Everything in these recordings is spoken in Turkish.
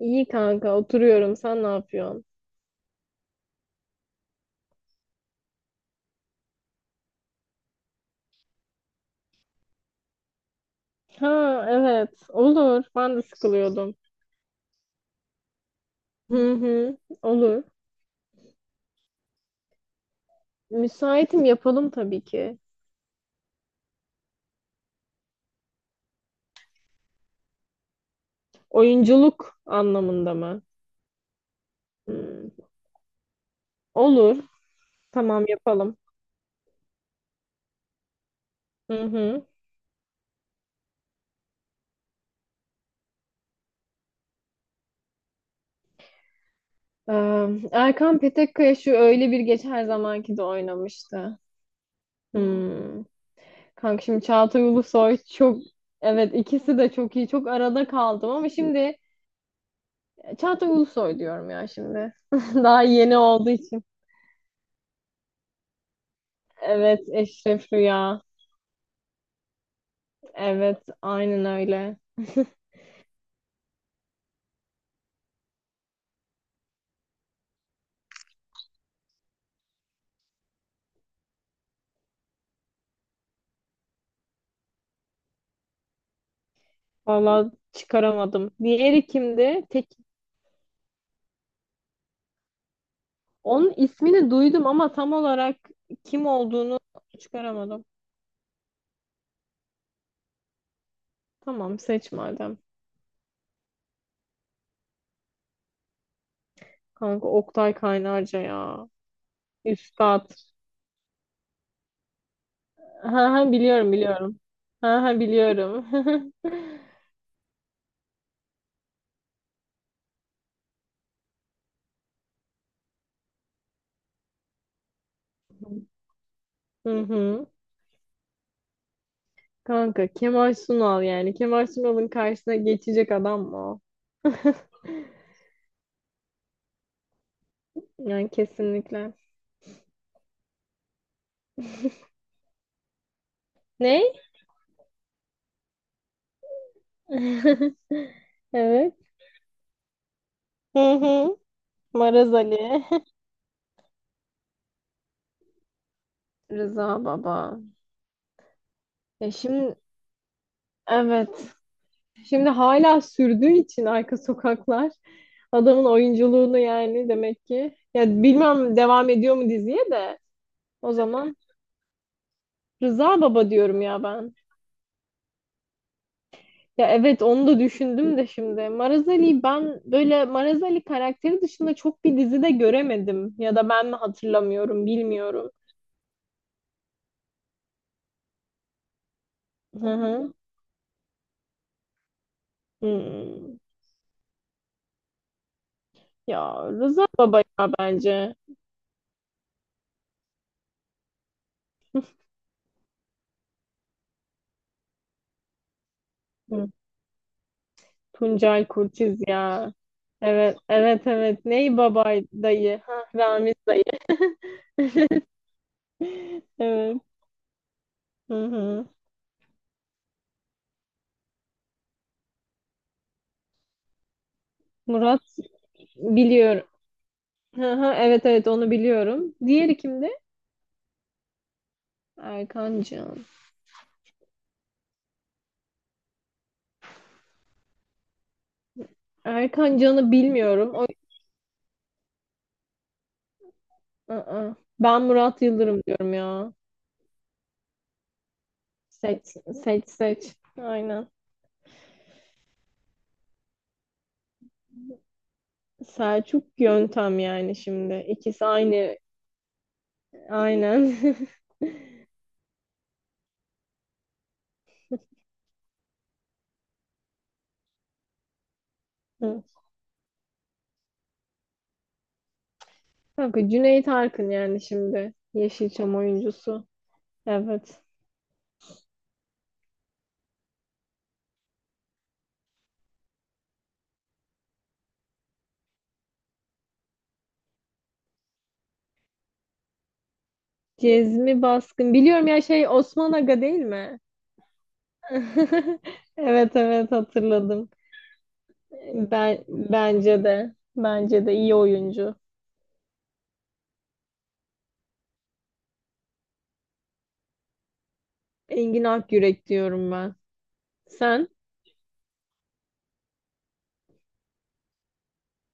İyi kanka oturuyorum. Sen ne yapıyorsun? Ha evet olur. Ben de sıkılıyordum. Hı hı olur. Müsaitim yapalım tabii ki. Oyunculuk anlamında mı? Hmm. Olur. Tamam yapalım. Hı hı. Erkan Petekkaya şu Öyle Bir Gece Her Zamanki de oynamıştı. Hmm. Kanka şimdi Çağatay Ulusoy çok evet ikisi de çok iyi. Çok arada kaldım ama şimdi Çağatay Ulusoy diyorum ya şimdi. Daha yeni olduğu için. Evet, Eşref Rüya. Evet, aynen öyle. Vallahi çıkaramadım. Diğeri kimdi? Tek onun ismini duydum ama tam olarak kim olduğunu çıkaramadım. Tamam, seç madem. Kanka Oktay Kaynarca ya. Üstad. Ha ha biliyorum biliyorum. Ha ha biliyorum. Hı hı. Kanka Kemal Sunal yani. Kemal Sunal'ın karşısına geçecek adam mı o? Yani kesinlikle. Ne? Evet. Hı hı. Maraz Ali. Rıza Baba. Ya şimdi evet. Şimdi hala sürdüğü için arka sokaklar adamın oyunculuğunu yani demek ki. Ya bilmem devam ediyor mu diziye de o zaman Rıza Baba diyorum ya ben. Ya evet onu da düşündüm de şimdi. Maraz Ali'yi ben böyle Maraz Ali karakteri dışında çok bir dizide göremedim. Ya da ben mi hatırlamıyorum bilmiyorum. Hı hı. Hmm. Ya Rıza Baba ya bence. Hı, Tuncel Kurtiz ya. Evet, evet, evet. Ney babay dayı? Ha, Ramiz dayı. Evet. Hı hı. Murat biliyorum. Hı hı, evet evet onu biliyorum. Diğeri kimdi? Erkan Can. Erkan Can'ı bilmiyorum. O. Aa, ben Murat Yıldırım diyorum ya. Seç seç seç. Aynen. Selçuk Yöntem yani şimdi. İkisi aynı. Aynen. Kanka Cüneyt Arkın yani şimdi. Yeşilçam oyuncusu. Evet. Cezmi Baskın. Biliyorum ya şey Osman Aga değil mi? Evet evet hatırladım. Ben bence de. Bence de iyi oyuncu. Engin Akyürek diyorum ben. Sen?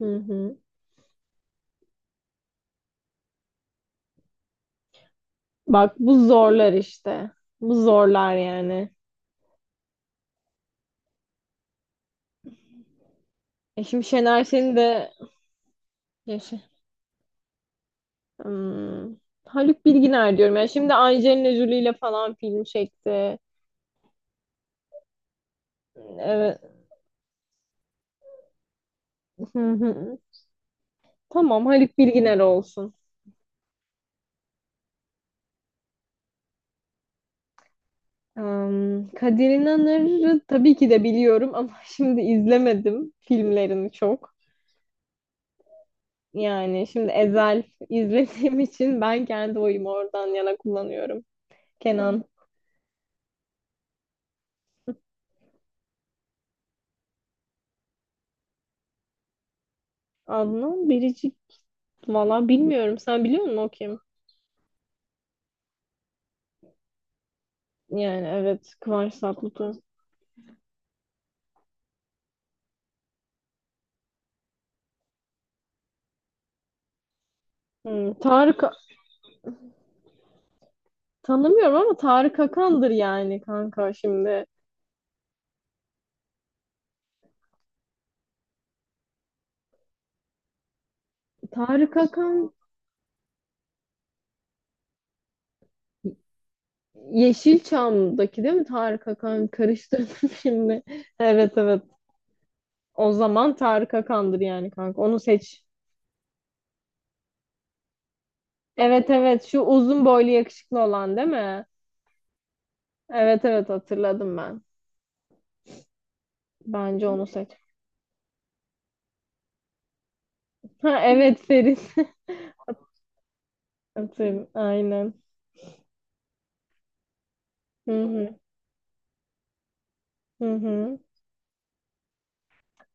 Hı hı. Bak bu zorlar işte. Bu zorlar yani. E şimdi Şener Şen'i de yaşa. Hmm. Haluk Bilginer diyorum. Yani şimdi Angelina Jolie ile falan film çekti. Evet. Hı hı. Tamam Haluk Bilginer olsun. Kadir İnanır'ı tabii ki de biliyorum ama şimdi izlemedim filmlerini çok. Yani şimdi Ezel izlediğim için ben kendi oyumu oradan yana kullanıyorum. Kenan, Adnan, Biricik valla bilmiyorum. Sen biliyor musun o kim? Yani evet Kıvanç Tatlıtuğ. Tarık tanımıyorum ama Tarık Akan'dır yani kanka şimdi. Tarık Akan Yeşilçam'daki değil mi Tarık Akan? Karıştırdım şimdi. Evet evet. O zaman Tarık Akan'dır yani kanka. Onu seç. Evet evet şu uzun boylu yakışıklı olan değil mi? Evet evet hatırladım ben. Bence onu seç. Ha evet Ferit. Hatırladım. Aynen. Hı hı. Hı hı.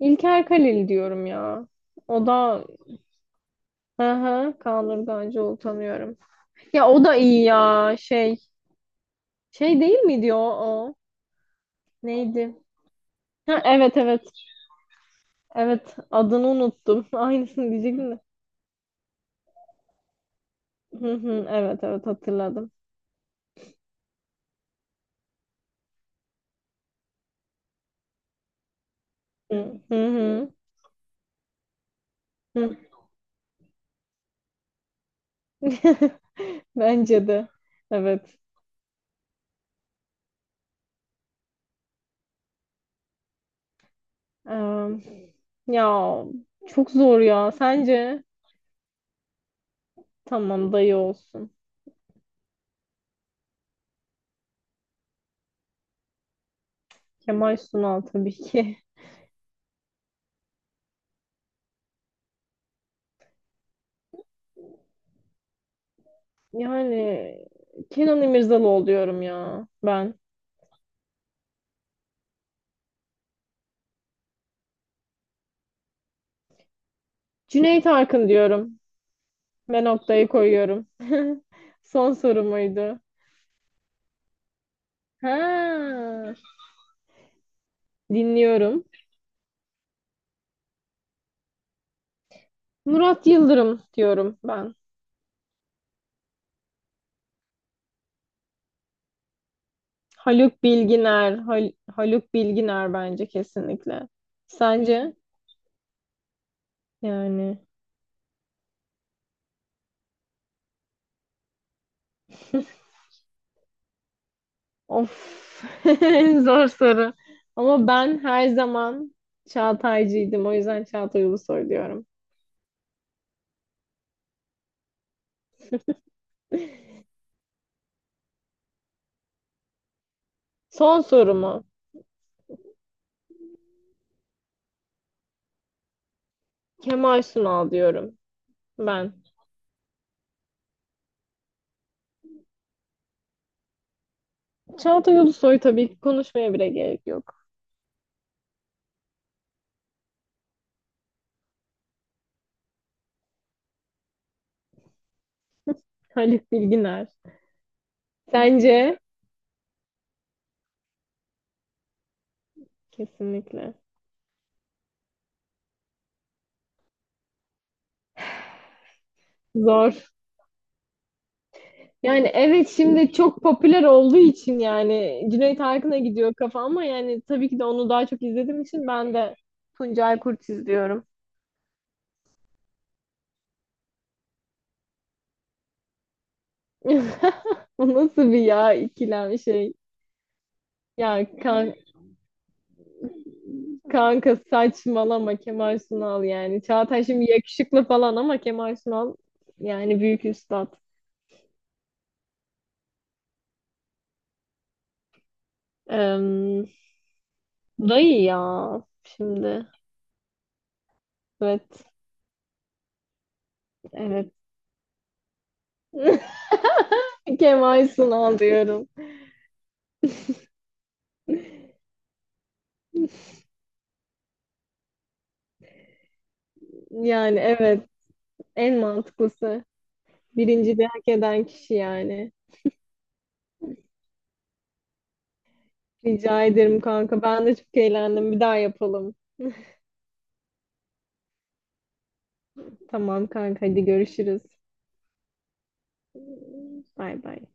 İlker Kalil diyorum ya. O da hı hı Kaan tanıyorum. Ya o da iyi ya şey. Şey değil miydi o? O? Neydi? Ha, evet evet. Evet adını unuttum. Aynısını diyecektim de. Hı hı, evet evet hatırladım. Hı hı. Hı. Hı. Bence de. Evet. Em, ya çok zor ya. Sence? Tamam dayı olsun. Kemal Sunal tabii ki. Yani Kenan İmirzalıoğlu diyorum ya ben. Cüneyt Arkın diyorum. Ben noktayı koyuyorum. Son sorumuydu. Ha, dinliyorum. Murat Yıldırım diyorum ben. Haluk Bilginer. Haluk Bilginer bence kesinlikle. Sence? Yani. Of. Zor soru. Ama ben her zaman Çağataycıydım. O yüzden Çağatay Ulusoy diyorum. Son sorumu. Kemal Sunal diyorum ben. Çağatay Ulusoy tabii ki konuşmaya bile gerek yok. Haluk Bilginer. Sence? Kesinlikle. Zor. Yani evet şimdi çok popüler olduğu için yani Cüneyt Arkın'a gidiyor kafa ama yani tabii ki de onu daha çok izlediğim için ben de Tuncay Kurt izliyorum. Bu nasıl bir ya ikilem şey. Ya kanka saçmalama Kemal Sunal yani. Çağatay şimdi yakışıklı falan ama Kemal Sunal yani büyük üstad. Eee dayı ya şimdi. Evet. Evet. Kemal Sunal diyorum. Yani evet. En mantıklısı. Birinci de hak eden kişi yani. Rica ederim kanka. Ben de çok eğlendim. Bir daha yapalım. Tamam kanka hadi görüşürüz. Bay bay.